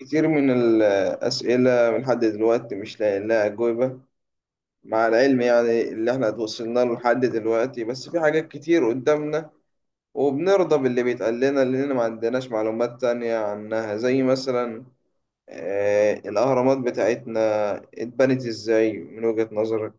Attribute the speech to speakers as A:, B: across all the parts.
A: كتير من الأسئلة من لحد دلوقتي مش لاقي لها أجوبة. مع العلم يعني اللي احنا اتوصلنا له لحد دلوقتي، بس في حاجات كتير قدامنا، وبنرضى باللي بيتقال لنا لأن ما عندناش معلومات تانية عنها. زي مثلا الأهرامات بتاعتنا، اتبنت إزاي من وجهة نظرك؟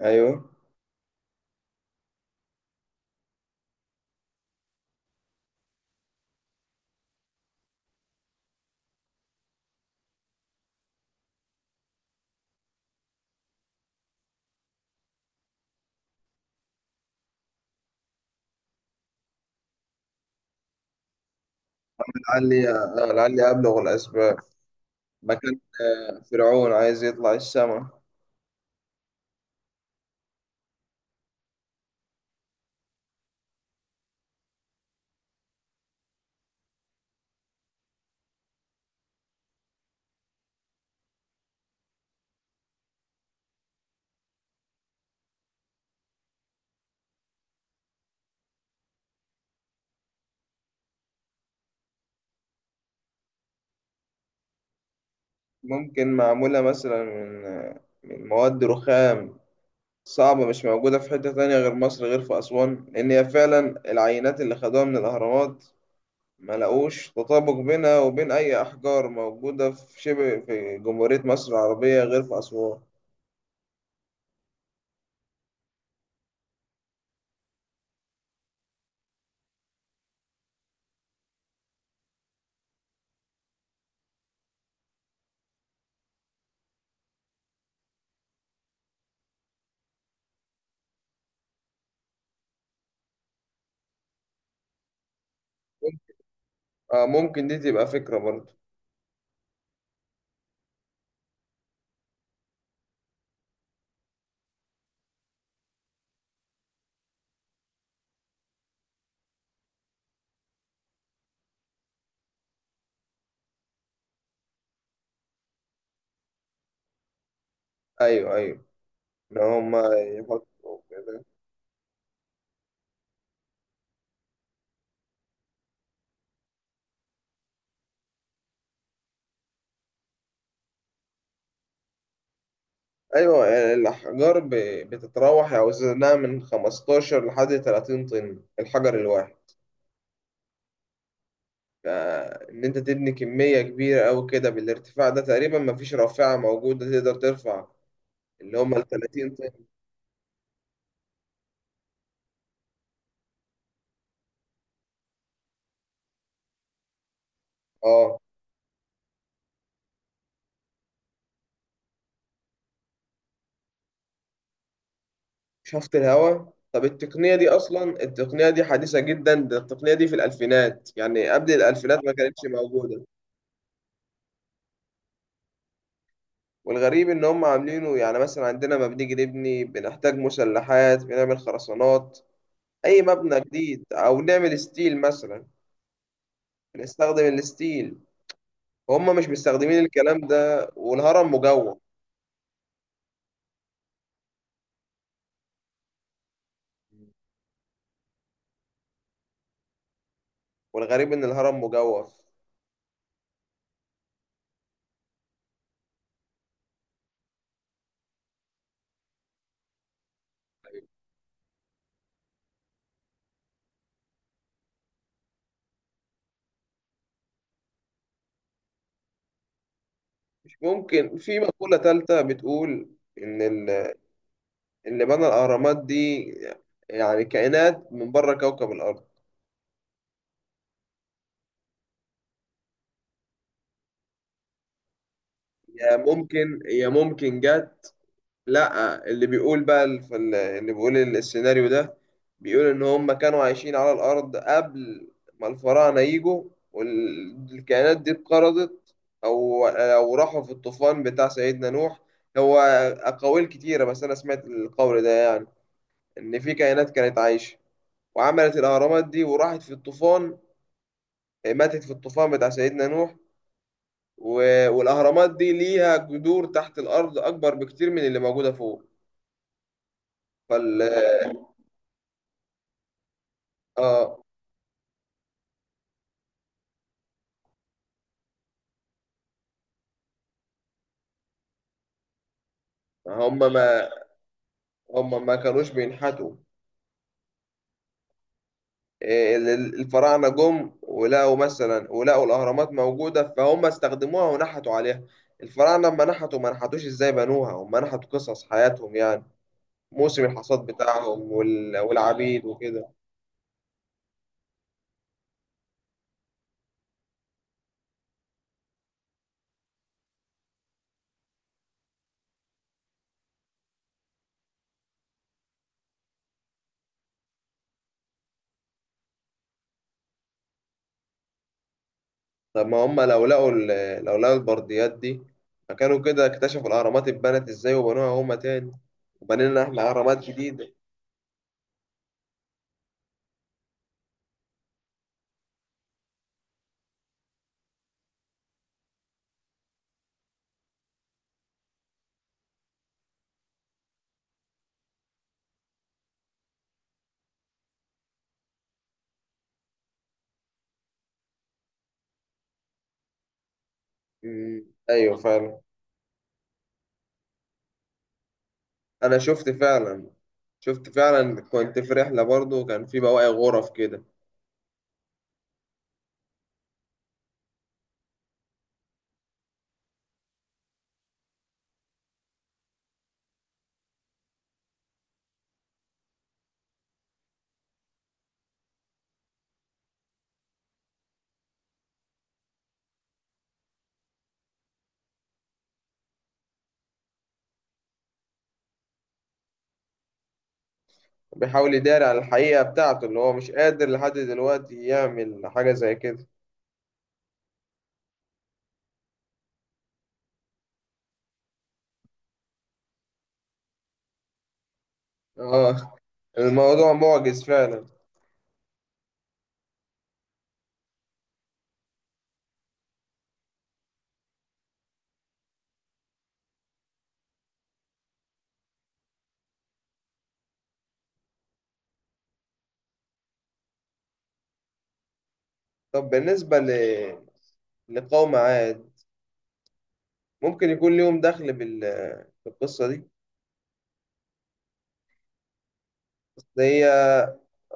A: أيوه. لعلي أبلغ الأسباب. ما كان فرعون عايز يطلع السما. ممكن معمولة مثلا من مواد رخام صعبة مش موجودة في حتة تانية غير مصر، غير في أسوان، لأن هي فعلا العينات اللي خدوها من الأهرامات ما لقوش تطابق بينها وبين أي أحجار موجودة في جمهورية مصر العربية غير في أسوان. آه، ممكن دي تبقى فكرة برضه. أيوه، أيوه. إن هما يحطوا كده. أيوه. الأحجار بتتراوح أوزانها من 15 لحد 30 طن الحجر الواحد. فإن أنت تبني كمية كبيرة أوي كده بالارتفاع ده، تقريبا مفيش رافعة موجودة تقدر ترفع اللي هما ال 30 طن. أه. شفط الهواء؟ طب التقنية دي أصلا، التقنية دي حديثة جدا، ده التقنية دي في الألفينات يعني. قبل الألفينات ما كانتش موجودة. والغريب إن هم عاملينه. يعني مثلا عندنا، ما بنيجي نبني بنحتاج مسلحات، بنعمل خرسانات أي مبنى جديد، أو نعمل ستيل مثلا. بنستخدم الستيل. هم مش مستخدمين الكلام ده، والهرم مجوف. والغريب إن الهرم مجوف. مش ممكن في مقولة تالتة بتقول إن اللي بنى الأهرامات دي يعني كائنات من بره كوكب الأرض. يا ممكن جت. لا، اللي بيقول بقى اللي بيقول السيناريو ده بيقول إن هم كانوا عايشين على الأرض قبل ما الفراعنة يجوا، والكائنات دي اتقرضت، أو راحوا في الطوفان بتاع سيدنا نوح. هو أقاويل كتيرة، بس أنا سمعت القول ده. يعني إن في كائنات كانت عايشة وعملت الأهرامات دي وراحت في الطوفان. إيه، ماتت في الطوفان بتاع سيدنا نوح. والأهرامات دي ليها جذور تحت الأرض أكبر بكتير من اللي موجودة فوق. فال آه. هم ما هم ما كانوش بينحتوا. إيه، الفراعنة جم ولقوا مثلا، ولقوا الأهرامات موجودة فهم استخدموها ونحتوا عليها. الفراعنة لما نحتوا، ما نحتوش ازاي بنوها، هم نحتوا قصص حياتهم. يعني موسم الحصاد بتاعهم والعبيد وكده. طب ما هم لو لقوا البرديات دي، فكانوا كده اكتشفوا الأهرامات اتبنت ازاي وبنوها هما تاني، وبنينا احنا أهرامات جديدة. مم. أيوة فعلا. أنا شفت فعلا. شفت فعلا، كنت في رحلة برضو، وكان في بواقي غرف كده. بيحاول يداري على الحقيقة بتاعته اللي هو مش قادر لحد دلوقتي يعمل حاجة زي كده. اه. الموضوع معجز فعلا. طب بالنسبة لقوم عاد. ممكن يكون ليهم دخل بالقصة دي. أصل هي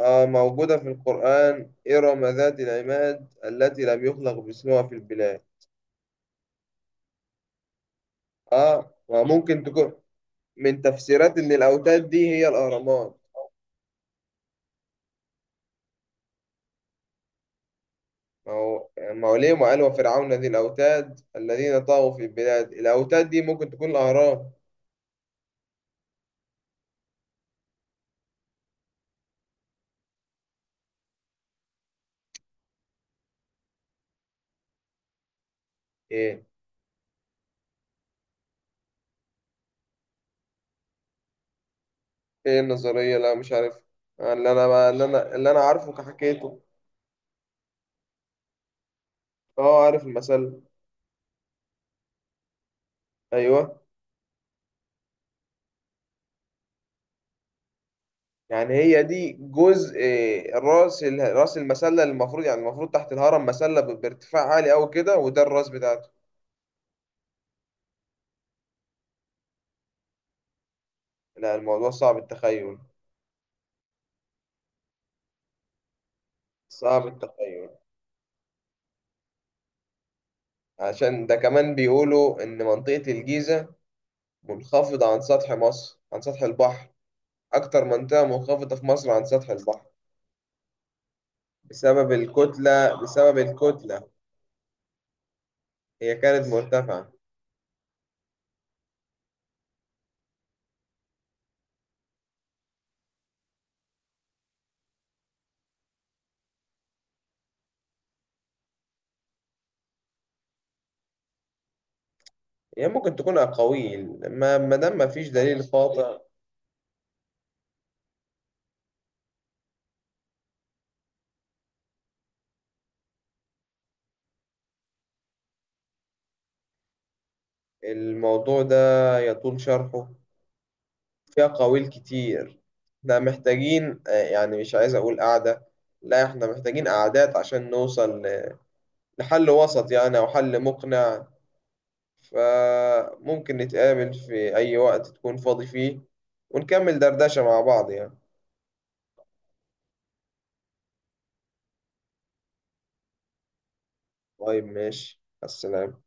A: موجودة في القرآن. إرم ذات العماد التي لم يخلق مثلها في البلاد. اه، وممكن تكون من تفسيرات إن الأوتاد دي هي الأهرامات. ما هو ليه ما قال وفرعون ذي الأوتاد الذين طغوا في البلاد؟ الأوتاد دي ممكن تكون الأهرام. إيه؟ إيه النظرية؟ لا مش عارف. اللي أنا عارفه كحكيته. اه، عارف المثل. أيوه. يعني هي دي جزء. راس المسله، اللي المفروض يعني، المفروض تحت الهرم مسله بارتفاع عالي قوي كده، وده الراس بتاعته. لا، الموضوع صعب التخيل. صعب التخيل. عشان ده كمان بيقولوا ان منطقه الجيزه منخفضه عن سطح مصر، عن سطح البحر. اكتر منطقه منخفضه في مصر عن سطح البحر. بسبب الكتله. هي كانت مرتفعه. هي ممكن تكون اقاويل ما دام ما فيش دليل قاطع. الموضوع ده يطول شرحه. فيها قويل كتير. احنا محتاجين، يعني مش عايز اقول قعدة. لا احنا محتاجين قعدات عشان نوصل لحل وسط يعني، او حل مقنع. فممكن نتقابل في اي وقت تكون فاضي فيه، ونكمل دردشة مع بعض يعني. طيب ماشي، السلام.